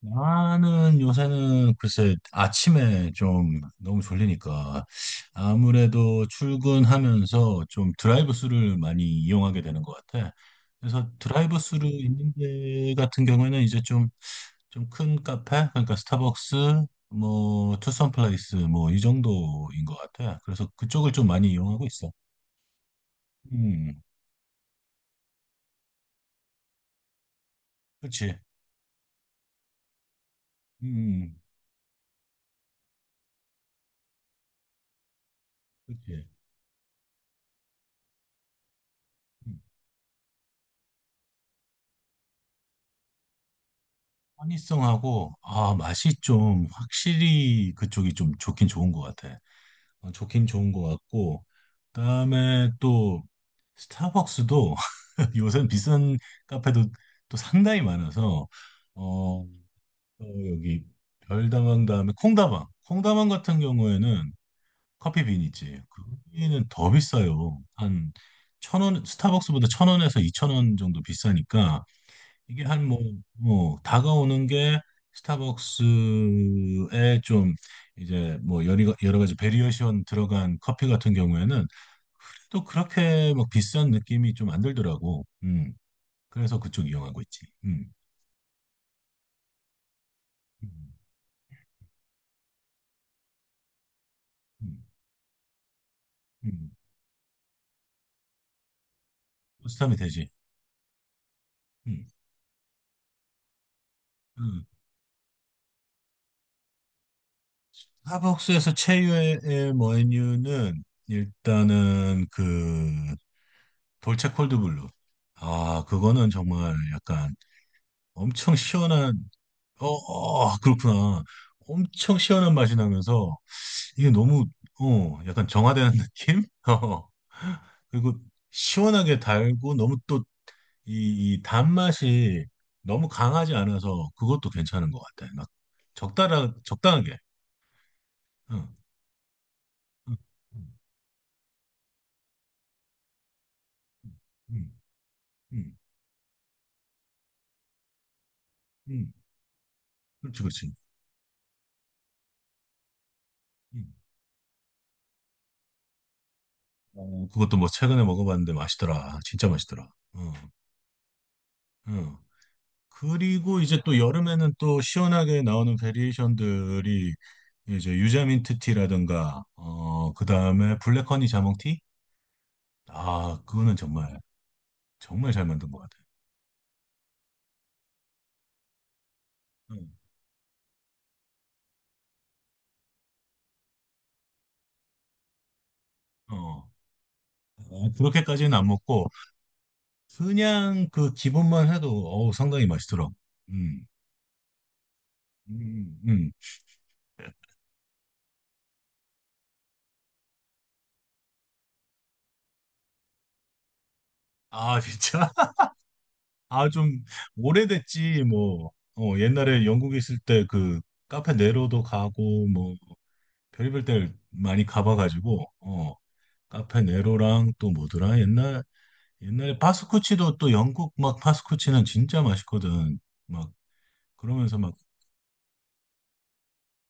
나는 요새는 글쎄 아침에 좀 너무 졸리니까 아무래도 출근하면서 좀 드라이브스루를 많이 이용하게 되는 것 같아. 그래서 드라이브스루 있는 데 같은 경우에는 이제 좀 큰 카페, 그러니까 스타벅스 뭐 투썸 플레이스 뭐 이 정도인 것 같아. 그래서 그쪽을 좀 많이 이용하고 있어. 음, 그렇지. 음, 그렇지. 허니송하고 아 맛이 좀 확실히 그쪽이 좀 좋긴 좋은 것 같아. 어, 좋긴 좋은 것 같고 그다음에 또 스타벅스도 요새는 비싼 카페도 또 상당히 많아서, 어, 또 여기 별다방 다음에 콩다방 같은 경우에는 커피빈 있지. 거기는 더 비싸요. 한 1,000원, 스타벅스보다 1,000원에서 2,000원 정도 비싸니까 이게 한 뭐, 다가오는 게 스타벅스에 좀 이제 뭐 여러 가지 베리에이션 들어간 커피 같은 경우에는 또 그렇게 막 비싼 느낌이 좀 안 들더라고. 음. 그래서 그쪽 이용하고 있지. 음. 음. 음. 음. 보쌈이 되지. 음. 음. 스타벅스에서 최유의 메뉴는 일단은 그 돌체 콜드블루. 아, 그거는 정말 약간 엄청 시원한 어, 어, 그렇구나. 엄청 시원한 맛이 나면서 이게 너무, 어, 약간 정화되는 느낌? 어. 그리고 시원하게 달고 너무 또 이 단맛이 너무 강하지 않아서 그것도 괜찮은 것 같아. 막 적당하게. 응. 응. 응. 응. 응. 응, 응. 그렇지, 그렇지. 응. 어, 그것도 뭐 최근에 먹어봤는데 맛있더라. 진짜 맛있더라. 응. 응. 그리고 이제 또 여름에는 또 시원하게 나오는 베리에이션들이 이제 유자민트 티라든가 어 그다음에 블랙 허니 자몽 티? 아, 그거는 정말 정말 잘 만든 것 같아요. 응. 어. 어, 그렇게까지는 안 먹고 그냥 그 기본만 해도 어우 상당히 맛있더라고. 음. 음. 음. 아, 진짜? 아, 좀 오래됐지 뭐. 어, 옛날에 영국에 있을 때 그 카페 네로도 가고 뭐 별의별 데를 많이 가봐가지고, 어, 카페 네로랑 또 뭐더라 옛날에 파스쿠치도 또 영국 막 파스쿠치는 진짜 맛있거든. 막 그러면서 막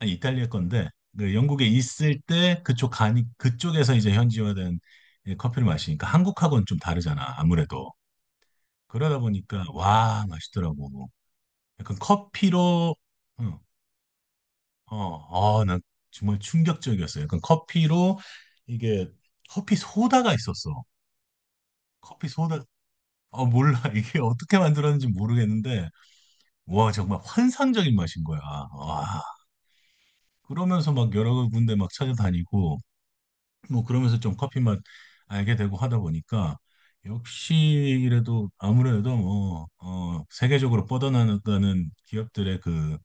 아, 이탈리아 건데 그 영국에 있을 때 그쪽 가니 그쪽에서 이제 현지화된 이 커피를 마시니까 한국하고는 좀 다르잖아 아무래도. 그러다 보니까 와 맛있더라고. 약간 커피로 어어난 정말 충격적이었어요. 약간 커피로 이게 커피 소다가 있었어. 커피 소다. 어, 몰라. 이게 어떻게 만들었는지 모르겠는데, 와, 정말 환상적인 맛인 거야. 와. 그러면서 막 여러 군데 막 찾아다니고, 뭐 그러면서 좀 커피 맛 알게 되고 하다 보니까, 역시 이래도 아무래도 뭐, 어, 세계적으로 뻗어나갔다는 기업들의 그,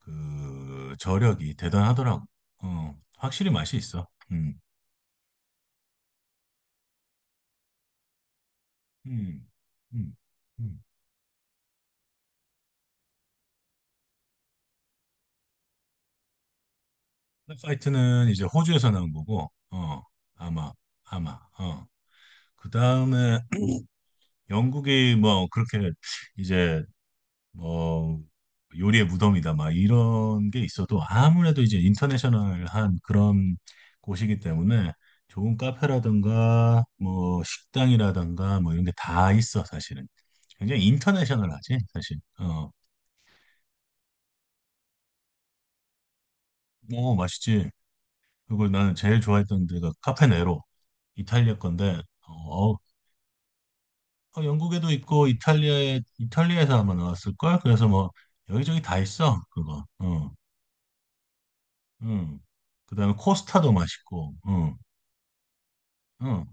그 저력이 대단하더라고. 어, 확실히 맛이 있어. 음, 음, 음, 음. 파이트는 이제 호주에서 나온 거고, 어, 아마, 아마, 어. 그 다음에 영국이 뭐 그렇게 이제 뭐 요리의 무덤이다 막 이런 게 있어도 아무래도 이제 인터내셔널한 그런 곳이기 때문에 좋은 카페라든가 뭐 식당이라든가 뭐 이런 게 다 있어 사실은. 굉장히 인터내셔널하지 사실. 어, 뭐 맛있지. 그리고 나는 제일 좋아했던 데가 카페네로, 이탈리아 건데, 어, 어, 영국에도 있고 이탈리아에서 아마 나왔을 걸. 그래서 뭐 여기저기 다 있어 그거. 응, 응. 그다음에 코스타도 맛있고. 응, 응.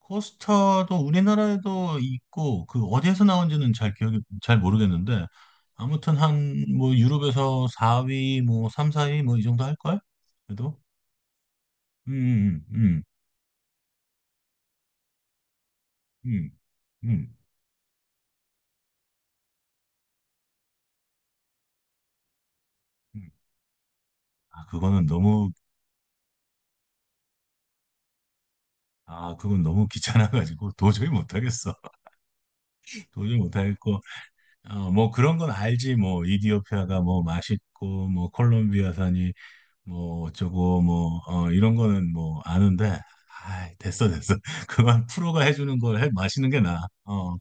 코스타도 우리나라에도 있고 그 어디에서 나온지는 잘 기억이 잘 모르겠는데 아무튼 한 뭐 유럽에서 4위 뭐 3, 4위 뭐 이 정도 할 걸? 그래도. 음, 음, 음, 음, 음. 음. 아 그거는 너무 아 그건 너무 귀찮아가지고 도저히 못하겠어. 도저히 못하겠고. 어, 뭐 그런 건 알지. 뭐 이디오피아가 뭐 맛있고 뭐 콜롬비아산이 뭐 어쩌고 뭐, 어, 이런 거는 뭐 아는데 아이, 됐어 됐어. 그만 프로가 해주는 걸 해 마시는 게 나아. 어,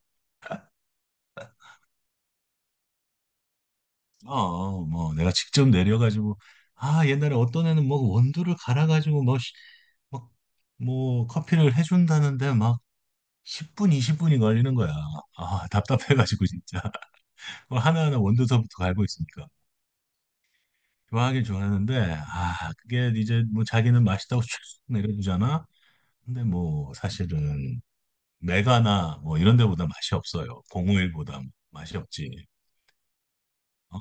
어, 뭐 내가 직접 내려가지고 아 옛날에 어떤 애는 뭐 원두를 갈아가지고 뭐 막, 뭐 커피를 해준다는데 막 10분, 20분이 걸리는 거야. 아, 답답해가지고 진짜. 뭐 하나하나 원두서부터 갈고 있으니까 좋아하긴 좋아하는데, 아, 그게 이제 뭐 자기는 맛있다고 쭉 내려주잖아. 근데 뭐 사실은 메가나 뭐 이런 데보다 맛이 없어요. 공5일보다 맛이 없지. 어?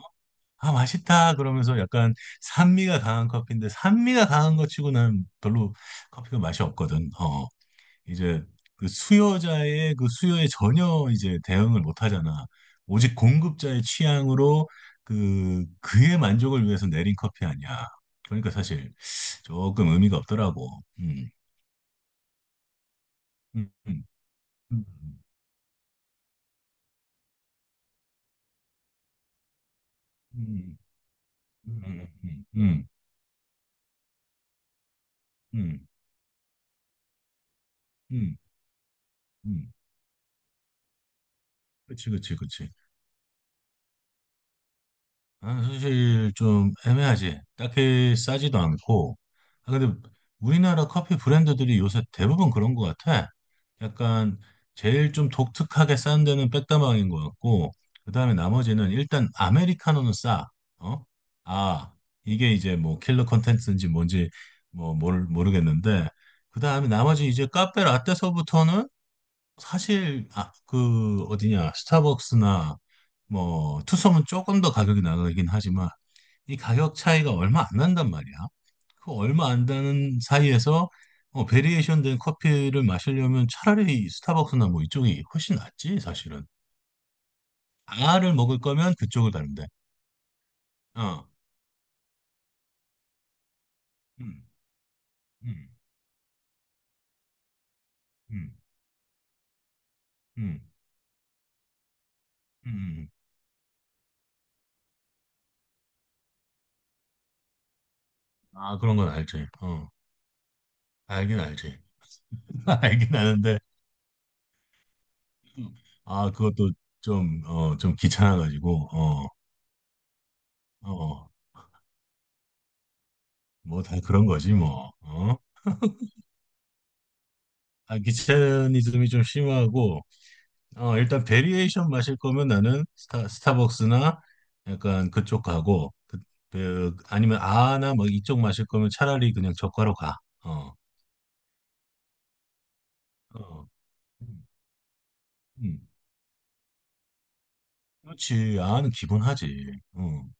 아 맛있다 그러면서 약간 산미가 강한 커피인데 산미가 강한 것 치고 난 별로 커피가 맛이 없거든. 어. 이제 그 수요자의 그 수요에 전혀 이제 대응을 못 하잖아. 오직 공급자의 취향으로 그의 만족을 위해서 내린 커피 아니야. 그러니까 사실 조금 의미가 없더라고. 음. 음. 음. 음. 음. 음. 음. 음. 음. 음. 음. 음. 그치, 그치, 그치. 아, 사실 좀 애매하지. 딱히 싸지도 않고. 아, 근데 우리나라 커피 브랜드들이 요새 대부분 그런 것 같아. 약간 제일 좀 독특하게 싼 데는 백다방인 것 같고, 그 다음에 나머지는 일단 아메리카노는 싸. 어? 아, 이게 이제 뭐 킬러 컨텐츠인지 뭔지 뭐 모르겠는데, 그 다음에 나머지 이제 카페 라떼서부터는 사실 아, 그 어디냐 스타벅스나 뭐 투썸은 조금 더 가격이 나가긴 하지만 이 가격 차이가 얼마 안 난단 말이야. 그 얼마 안 나는 사이에서, 어, 베리에이션 된 커피를 마시려면 차라리 스타벅스나 뭐 이쪽이 훨씬 낫지 사실은. 아를 먹을 거면 그쪽을 가는데. 어. 음, 음, 음, 음, 음. 음. 아 그런 건 알지. 어. 알긴 알지. 알긴 아는데 음. 아, 그것도 좀, 어, 좀 귀찮아가지고, 어, 어, 뭐 다 그런 거지, 뭐, 어? 아, 귀차니즘이 좀 심하고, 어, 일단 베리에이션 마실 거면 나는 스타벅스나 약간 그쪽 가고, 그, 아니면 아나 뭐 이쪽 마실 거면 차라리 그냥 저가로 가, 어, 어, 음, 음. 그렇지, 아는 기본하지, 응,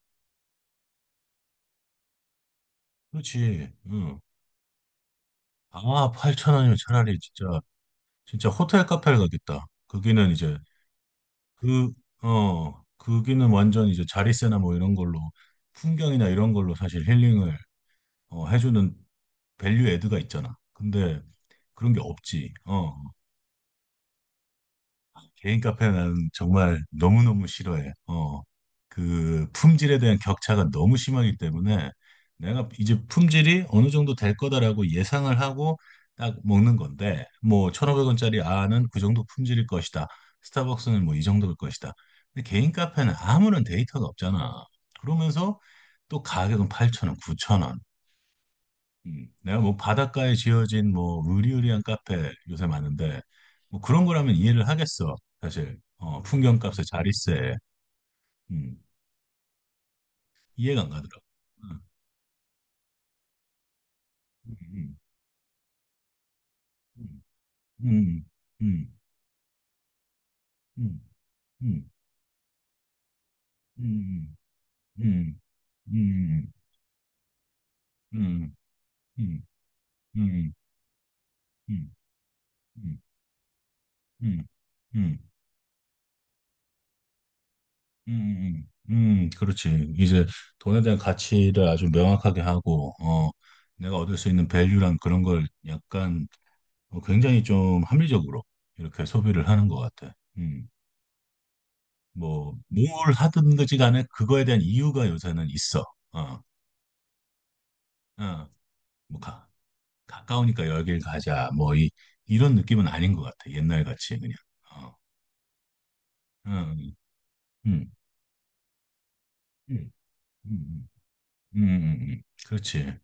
그렇지, 응. 아, 8천 원이면 차라리 진짜, 진짜 호텔 카페를 가겠다. 거기는 이제 그, 어, 거기는 완전 이제 자리세나 뭐 이런 걸로 풍경이나 이런 걸로 사실 힐링을, 어, 해주는 밸류 애드가 있잖아. 근데 그런 게 없지. 어, 개인 카페 는 정말 너무너무 싫어해. 어, 그 품질에 대한 격차가 너무 심하기 때문에 내가 이제 품질이 어느 정도 될 거다라고 예상을 하고 딱 먹는 건데 뭐 1,500원짜리 아는 그 정도 품질일 것이다. 스타벅스는 뭐 이 정도일 것이다. 근데 개인 카페는 아무런 데이터가 없잖아. 그러면서 또 가격은 8,000원, 9,000원. 내가 뭐 바닷가에 지어진 뭐 으리으리한 카페 요새 많은데 뭐 그런 거라면 이해를 하겠어. 사실, 어, 풍경값에 자릿세. 음, 이해가 안 가더라고. 음, 음, 음, 음, 음, 음, 음, 음, 음, 음, 음, 음, 음, 음, 음, 그렇지. 이제 돈에 대한 가치를 아주 명확하게 하고, 어, 내가 얻을 수 있는 밸류란 그런 걸 약간, 어, 굉장히 좀 합리적으로 이렇게 소비를 하는 것 같아. 뭘 하든지 간에 그거에 대한 이유가 요새는 있어. 어, 어, 뭐, 가까우니까 여길 가자. 뭐, 이런 느낌은 아닌 것 같아. 옛날 같이 그냥. 어, 어, 음, 음, 음, 음. 그렇지.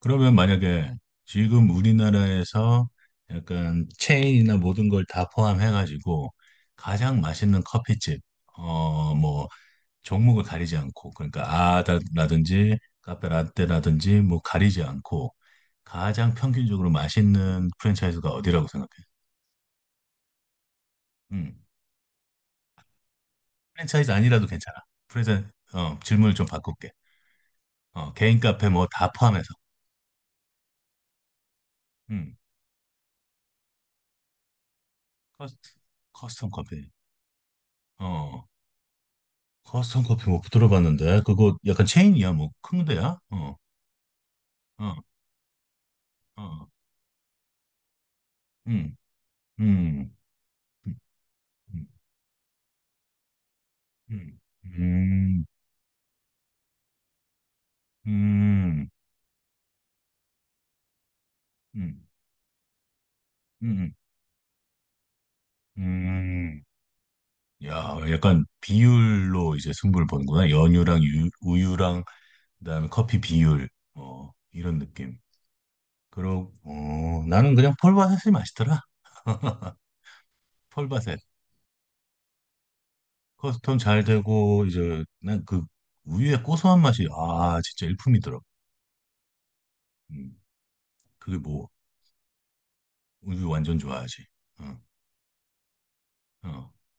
그러면 만약에 지금 우리나라에서 약간 체인이나 모든 걸 다 포함해가지고 가장 맛있는 커피집, 어, 뭐, 종목을 가리지 않고, 그러니까 아다라든지 카페 라떼라든지 뭐 가리지 않고 가장 평균적으로 맛있는 프랜차이즈가 어디라고 생각해? 음. 프랜차이즈 아니라도 괜찮아. 프랜차이즈, 어, 질문을 좀 바꿀게. 어, 개인 카페 뭐 다 포함해서. 음. 커스, 커스텀 커피. 어. 커스텀 커피 못 들어봤는데 그거 약간 체인이야 뭐 큰 데야? 어. 어. 어. 음. 음. 음. 음. 음. 음. 음. 음. 음. 음, 야, 약간 비율로 이제 승부를 보는구나. 연유랑 우유랑 그다음에 커피 비율, 어, 이런 느낌. 나는 그냥 폴바셋이 맛있더라. 폴바셋. 커스텀 잘 되고 이제 난 그 우유의 고소한 맛이 아 진짜 일품이더라. 음, 그게 뭐 우유 완전 좋아하지. 응, 어,